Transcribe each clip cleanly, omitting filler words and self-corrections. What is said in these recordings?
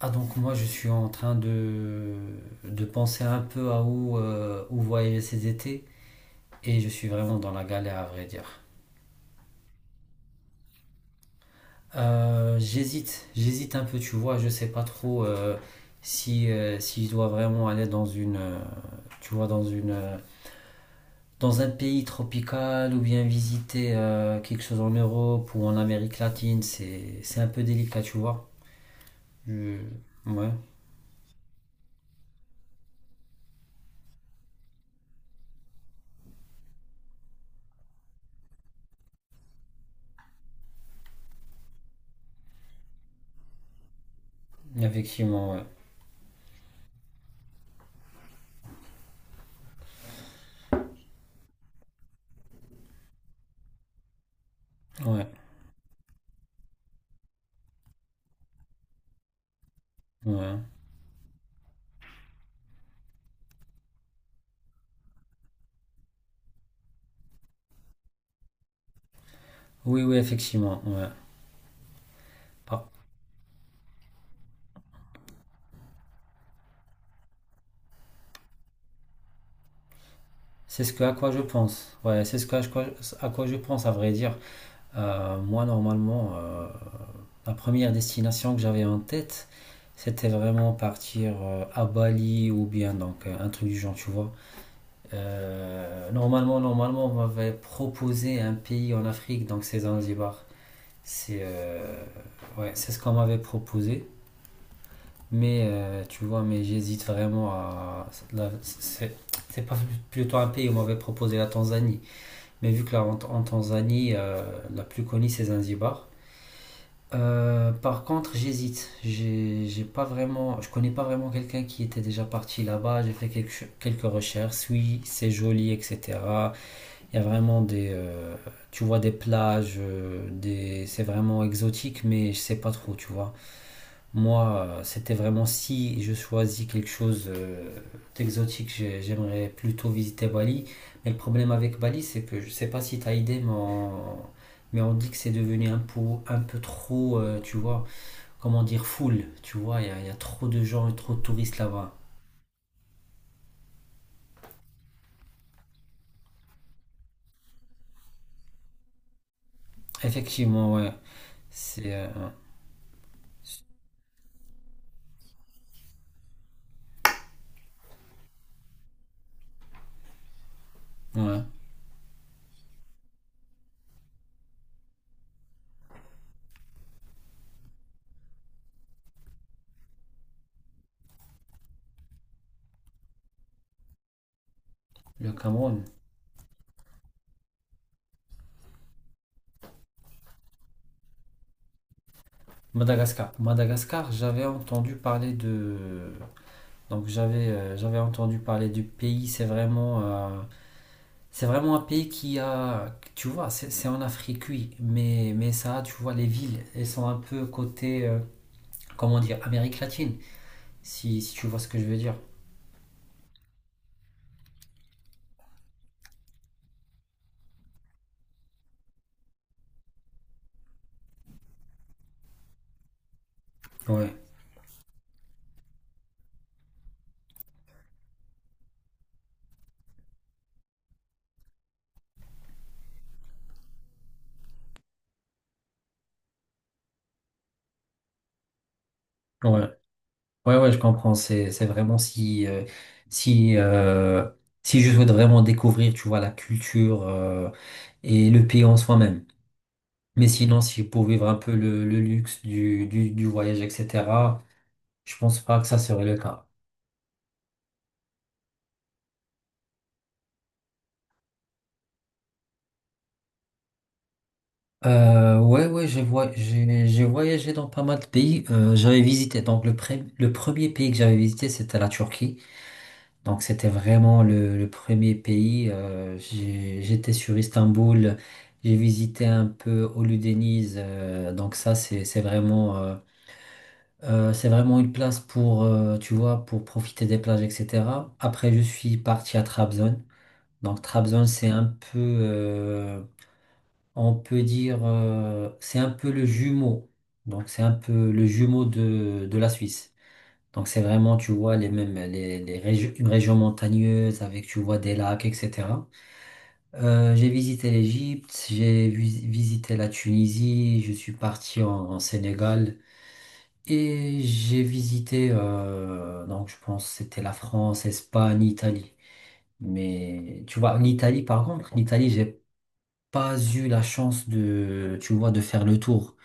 Donc moi je suis en train de penser un peu à où voyager ces étés et je suis vraiment dans la galère à vrai dire. J'hésite un peu tu vois, je sais pas trop si je dois vraiment aller dans une tu vois dans une dans un pays tropical ou bien visiter quelque chose en Europe ou en Amérique latine, c'est un peu délicat tu vois. Je- Ouais, effectivement ouais. Ouais, ouais. Oui, oui, effectivement ouais. Par C'est ce à quoi je pense. Ouais, c'est ce à quoi je pense, à vrai dire. Normalement, la première destination que j'avais en tête, c'était vraiment partir à Bali ou bien un truc du genre, tu vois. Normalement, on m'avait proposé un pays en Afrique, donc c'est Zanzibar. C'est Ouais, c'est ce qu'on m'avait proposé. Mais tu vois, mais j'hésite vraiment à la- C'est c'est pas plutôt un pays où on m'avait proposé la Tanzanie. Mais vu que là, en Tanzanie, la plus connue, c'est Zanzibar. Par contre, j'hésite. J'ai pas vraiment, je connais pas vraiment quelqu'un qui était déjà parti là-bas. J'ai fait quelques recherches. Oui, c'est joli, etc. Il y a vraiment tu vois, des plages, c'est vraiment exotique, mais je sais pas trop, tu vois. Moi, C'était vraiment si je choisis quelque chose d'exotique, j'aimerais plutôt visiter Bali. Mais le problème avec Bali, c'est que je ne sais pas si tu as idée, mais on dit que c'est devenu un peu trop, tu vois, comment dire, full. Tu vois, y a trop de gens et trop de touristes là-bas. Effectivement, ouais. C'est Ouais. Le Cameroun. Madagascar. Madagascar, j'avais entendu parler de… Donc j'avais j'avais entendu parler du pays, c'est vraiment… c'est vraiment un pays qui a, tu vois, c'est en Afrique, oui, mais ça, tu vois, les villes, elles sont un peu côté, comment dire, Amérique latine, si tu vois ce que je veux dire. Ouais, ouais, ouais, je comprends, c'est vraiment si, euh, si je souhaite vraiment découvrir, tu vois, la culture, et le pays en soi-même. Mais sinon, si pour vivre un peu le luxe du voyage, etc., je pense pas que ça serait le cas. Ouais, j'ai voyagé dans pas mal de pays. J'avais visité, le premier pays que j'avais visité, c'était la Turquie. Donc c'était vraiment le premier pays. J'étais sur Istanbul, j'ai visité un peu Hollu Deniz. C'est c'est vraiment une place pour, tu vois, pour profiter des plages, etc. Après, je suis parti à Trabzon. Donc Trabzon, c'est un peu… on peut dire, c'est un peu le jumeau. Donc, c'est un peu le jumeau de la Suisse. Donc, c'est vraiment, tu vois, les mêmes, les régions, une région montagneuse avec, tu vois, des lacs, etc. J'ai visité l'Égypte, visité la Tunisie, je suis parti en Sénégal et j'ai visité, donc, je pense que c'était la France, Espagne, Italie. Mais, tu vois, l'Italie, par contre, l'Italie, j'ai pas eu la chance de, tu vois, de faire le tour.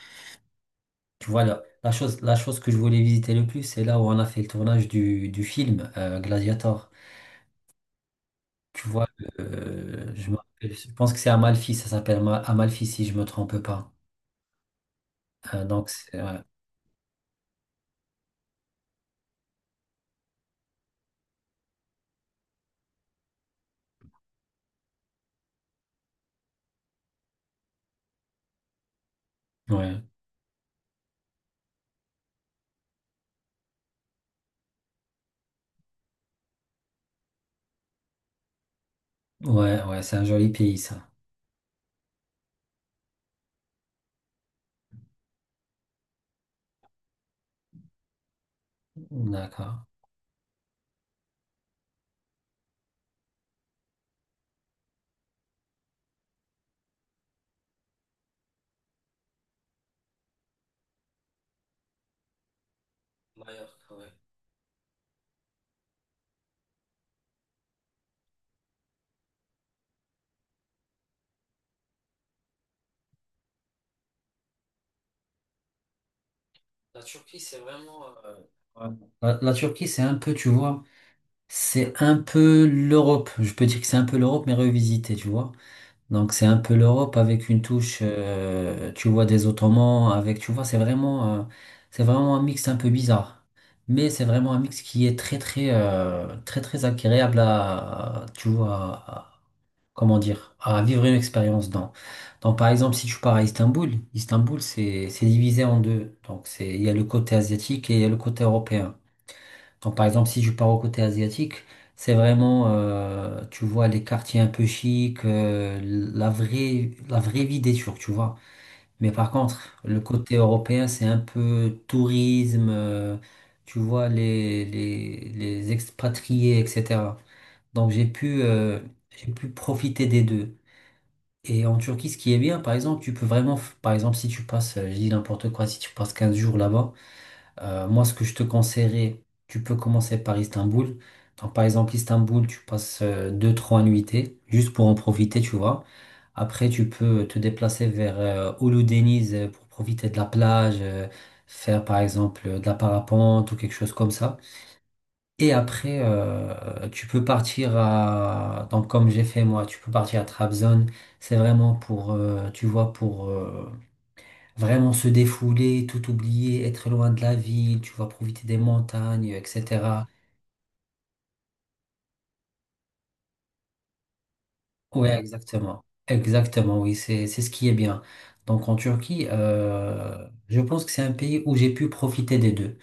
Tu vois, la chose que je voulais visiter le plus, c'est là où on a fait le tournage du film Gladiator. Tu vois, je pense que c'est Amalfi, ça s'appelle Amalfi si je me trompe pas. Donc, c'est, ouais, ouais, ouais, Ouais, c'est un joli pays, ça. D'accord. Mallorca, ouais. La Turquie, c'est vraiment… ouais. La Turquie, c'est un peu, tu vois, c'est un peu l'Europe. Je peux dire que c'est un peu l'Europe, mais revisité, tu vois. Donc c'est un peu l'Europe avec une touche, tu vois, des Ottomans, avec, tu vois, c'est vraiment un mix un peu bizarre. Mais c'est vraiment un mix qui est très, très agréable à, tu vois, à comment dire, à vivre une expérience dans. Donc par exemple, si tu pars à Istanbul, Istanbul, c'est divisé en deux. Donc c'est, il y a le côté asiatique et il y a le côté européen. Quand, par exemple, si je pars au côté asiatique, c'est vraiment, tu vois, les quartiers un peu chics, euh, la vraie vie des Turcs, tu vois. Mais par contre, le côté européen, c'est un peu tourisme, tu vois, les expatriés, etc. Donc, j'ai pu, profiter des deux. Et en Turquie, ce qui est bien, par exemple, tu peux vraiment, par exemple, si tu passes, je dis n'importe quoi, si tu passes 15 jours là-bas, moi, ce que je te conseillerais, tu peux commencer par Istanbul. Donc, par exemple, Istanbul, tu passes 2, 3 nuitées juste pour en profiter, tu vois. Après, tu peux te déplacer vers Uludeniz pour profiter de la plage, faire par exemple de la parapente ou quelque chose comme ça. Et après, tu peux partir à… Donc, comme j'ai fait moi, tu peux partir à Trabzon. C'est vraiment pour, tu vois, pour… vraiment se défouler, tout oublier, être loin de la ville, tu vas profiter des montagnes, etc. Ouais, exactement. Exactement, oui, c'est ce qui est bien. Donc en Turquie, je pense que c'est un pays où j'ai pu profiter des deux.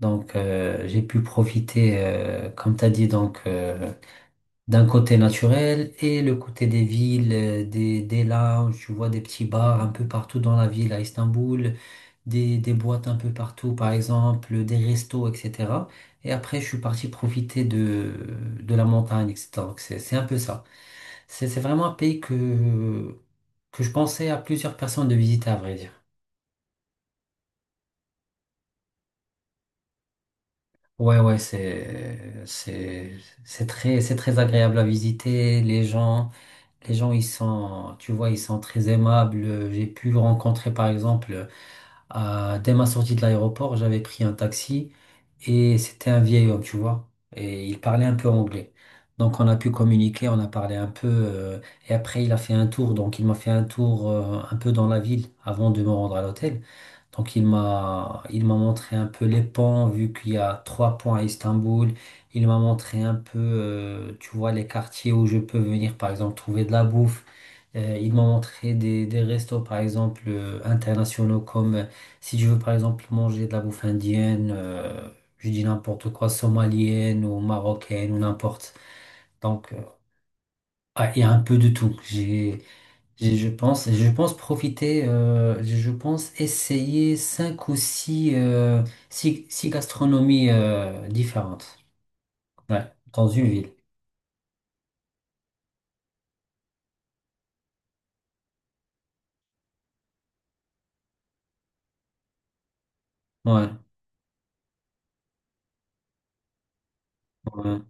Donc j'ai pu profiter, comme tu as dit, donc d'un côté naturel et le côté des villes, euh, des lounges, tu vois des petits bars un peu partout dans la ville à Istanbul. Des boîtes un peu partout, par exemple, des restos, etc. Et après, je suis parti profiter de la montagne, etc. Donc, c'est un peu ça. C'est vraiment un pays que je pensais à plusieurs personnes de visiter, à vrai dire. Ouais, ouais, c'est, c'est, c'est très, c'est très agréable à visiter. Les gens, ils sont, tu vois, ils sont très aimables. J'ai pu rencontrer, par exemple, dès ma sortie de l'aéroport, j'avais pris un taxi et c'était un vieil homme, tu vois. Et il parlait un peu anglais. Donc on a pu communiquer, on a parlé un peu. Et après, il a fait un tour. Donc il m'a fait un tour un peu dans la ville avant de me rendre à l'hôtel. Donc il m'a montré un peu les ponts, vu qu'il y a 3 ponts à Istanbul. Il m'a montré un peu, tu vois, les quartiers où je peux venir, par exemple, trouver de la bouffe. Il m'a montré des restos, par exemple, internationaux, comme si je veux, par exemple, manger de la bouffe indienne, je dis n'importe quoi, somalienne ou marocaine ou n'importe. Donc, ah, il y a un peu de tout. J'ai et je pense profiter, je pense essayer 5 ou 6, six gastronomies différentes. Ouais, dans une ville. Ouais, ouais.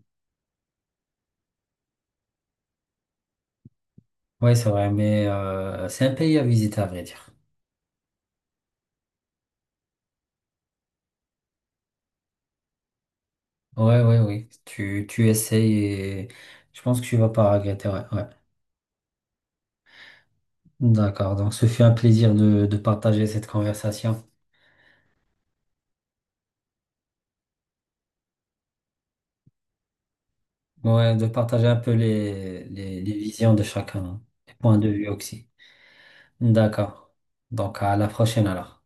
Ouais, c'est vrai, mais c'est un pays à visiter, à vrai dire. Ouais, ouais, oui. Tu essayes et je pense que tu vas pas regretter. Ouais, ouais. D'accord, donc ce fut un plaisir de partager cette conversation. Ouais, de partager un peu les visions de chacun, hein, les points de vue aussi. D'accord. Donc à la prochaine alors.